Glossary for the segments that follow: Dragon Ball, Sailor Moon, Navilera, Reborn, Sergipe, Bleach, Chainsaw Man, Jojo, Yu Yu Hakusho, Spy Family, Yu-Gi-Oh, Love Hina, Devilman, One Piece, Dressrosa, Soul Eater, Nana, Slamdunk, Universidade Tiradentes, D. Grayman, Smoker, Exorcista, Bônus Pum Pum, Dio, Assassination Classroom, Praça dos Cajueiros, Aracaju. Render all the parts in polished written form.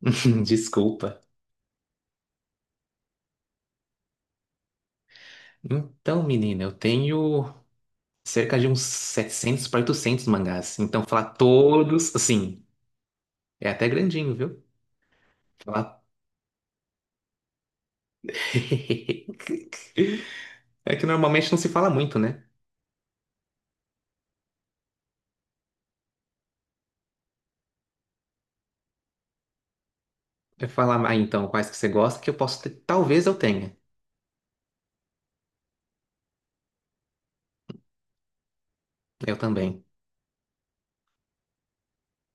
Desculpa. Então, menina, eu tenho cerca de uns 700 para 800 mangás. Então, falar todos, assim, é até grandinho, viu? Falar... É que normalmente não se fala muito, né? Eu falar, ah, então, quais que você gosta que eu posso ter. Talvez eu tenha. Eu também.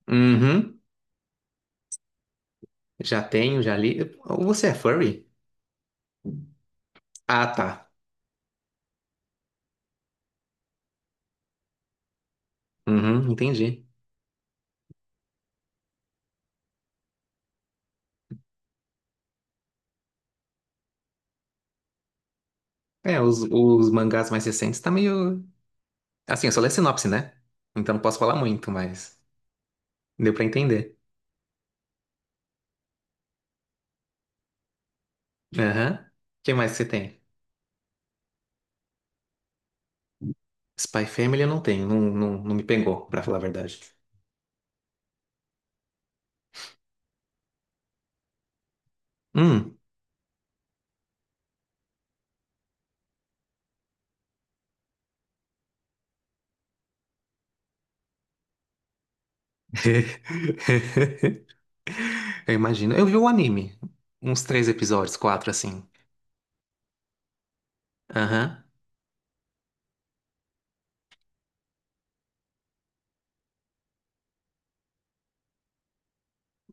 Uhum. Já tenho, já li. Você é furry? Ah, tá. Uhum, entendi. É, os mangás mais recentes tá meio. Assim, eu só leio sinopse, né? Então não posso falar muito, mas deu pra entender. Aham. O que mais que você tem? Spy Family eu não tenho, não, não, não me pegou, pra falar a verdade. Hum. Eu imagino. Eu vi o anime. Uns três episódios, quatro, assim. Aham.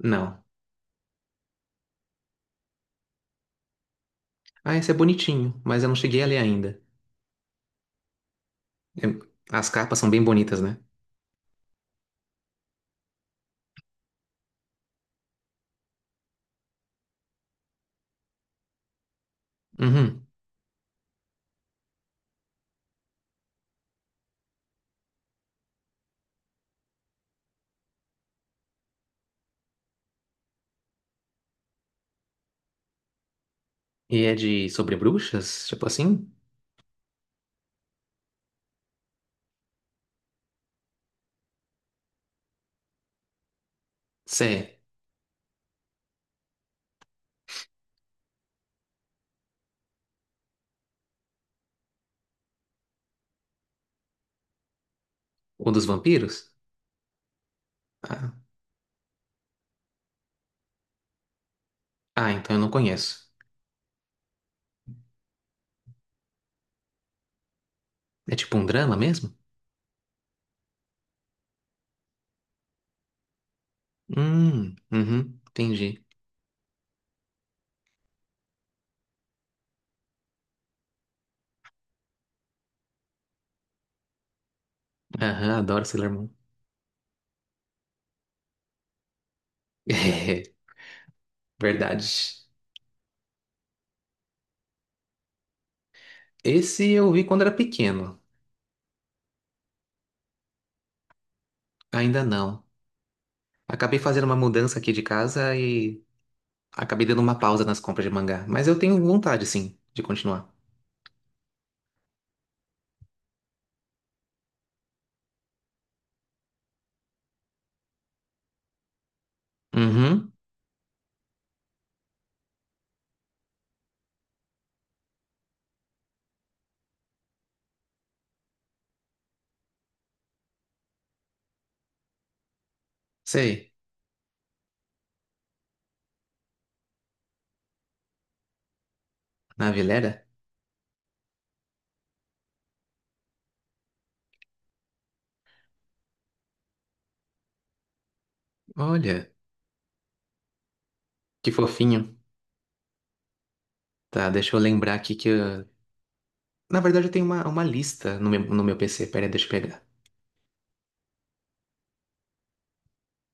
Não. Ah, esse é bonitinho, mas eu não cheguei a ler ainda. Eu- As capas são bem bonitas, né? Uhum. E é de sobre bruxas? Tipo assim? Sé. Ou dos vampiros? Ah, ah, então eu não conheço. É tipo um drama mesmo? Uhum, entendi. Aham, adoro Sailor Moon. Verdade. Esse eu vi quando era pequeno. Ainda não. Acabei fazendo uma mudança aqui de casa e acabei dando uma pausa nas compras de mangá. Mas eu tenho vontade, sim, de continuar. Uhum, sei. Navilera? Olha, que fofinho. Tá, deixa eu lembrar aqui que eu. Na verdade, eu tenho uma lista no meu PC. Pera aí, deixa eu pegar.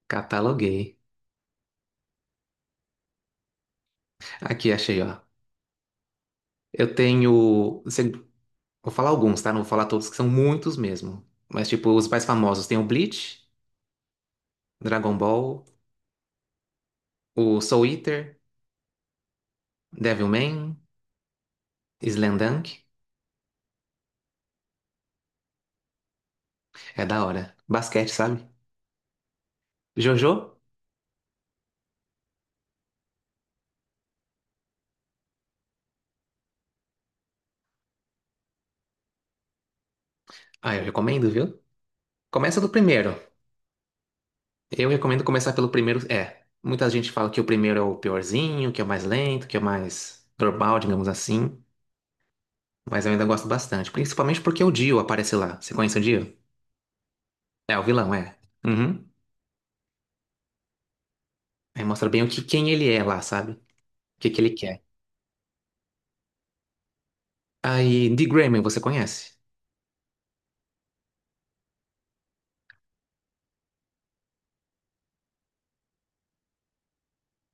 Cataloguei. Aqui, achei, ó. Eu tenho. Vou falar alguns, tá? Não vou falar todos, que são muitos mesmo. Mas, tipo, os mais famosos. Tem o Bleach, Dragon Ball. O Soul Eater, Devilman, Slamdunk. É da hora. Basquete, sabe? Jojo? Ah, eu recomendo, viu? Começa do primeiro. Eu recomendo começar pelo primeiro. É, muita gente fala que o primeiro é o piorzinho, que é o mais lento, que é o mais normal, digamos assim. Mas eu ainda gosto bastante. Principalmente porque o Dio aparece lá. Você conhece o Dio? É, o vilão, é. Uhum. Aí mostra bem o que, quem ele é lá, sabe? O que, que ele quer. Aí, D. Grayman, você conhece?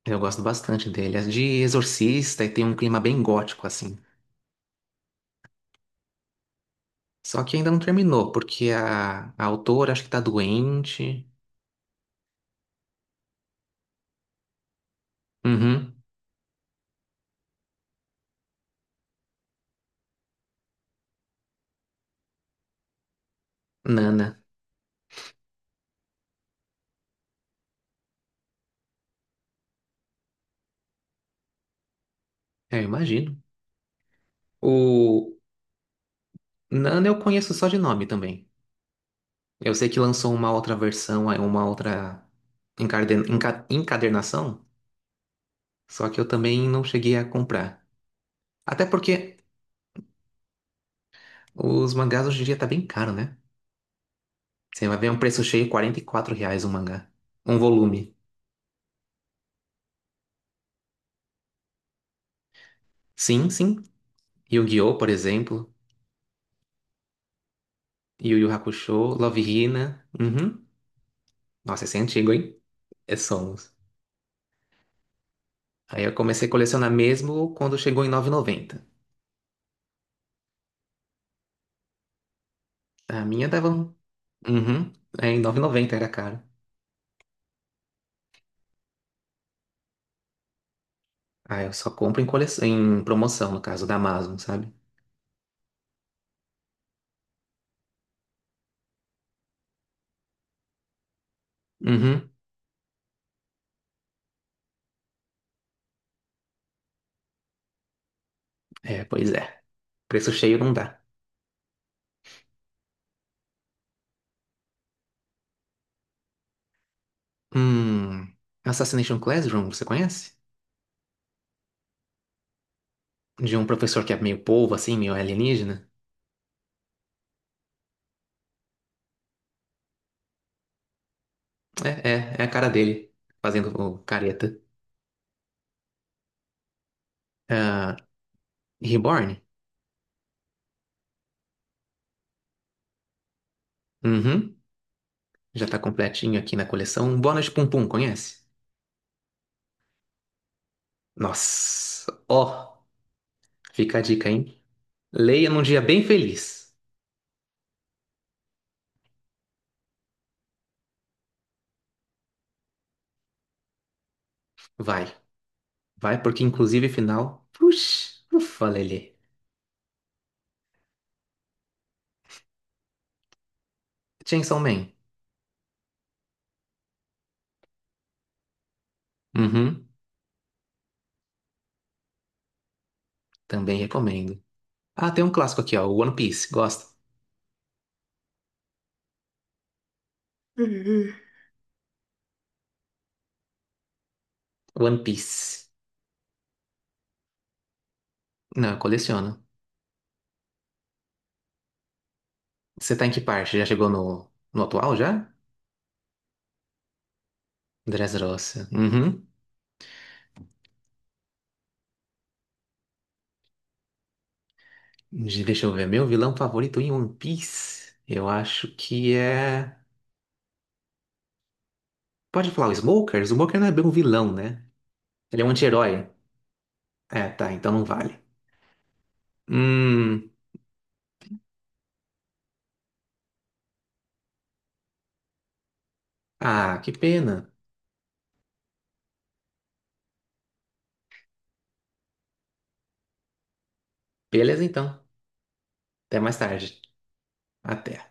Eu gosto bastante dele. As de Exorcista e tem um clima bem gótico, assim. Só que ainda não terminou, porque a autora acho que tá doente. Uhum. Nana. É, eu imagino. O Nana eu conheço só de nome também. Eu sei que lançou uma outra versão, aí uma outra encadernação, só que eu também não cheguei a comprar. Até porque os mangás hoje em dia tá bem caro, né? Você vai ver um preço cheio, R$ 44 um mangá. Um volume. Sim, sim. Yu-Gi-Oh, por exemplo. Yu Yu Hakusho, Love Hina. Uhum. Nossa, esse é antigo, hein? É. Somos. Aí eu comecei a colecionar mesmo quando chegou em 9,90. A minha dava um. Uhum. É, em 9,90 era caro. Aí eu só compro em, em promoção, no caso da Amazon, sabe? Uhum. É, pois é. Preço cheio não dá. Hum. Assassination Classroom, você conhece? De um professor que é meio polvo, assim, meio alienígena. É a cara dele, fazendo o careta. Ah, Reborn? Uhum. Já tá completinho aqui na coleção. Bônus Pum Pum, conhece? Nossa, ó. Fica a dica, hein? Leia num dia bem feliz. Vai, vai, porque inclusive final. Puxa, ufa, Lelê. Chainsaw Man. Uhum, também recomendo. Ah, tem um clássico aqui, ó. One Piece. Gosta? Uhum. One Piece. Não, eu coleciono. Você tá em que parte? Já chegou no atual já? Dressrosa. Uhum. Deixa eu ver. Meu vilão favorito em One Piece. Eu acho que é. Pode falar o Smoker? O Smoker não é bem um vilão, né? Ele é um anti-herói. É, tá, então não vale. Hum, ah, que pena. Beleza, então. Até mais tarde. Até.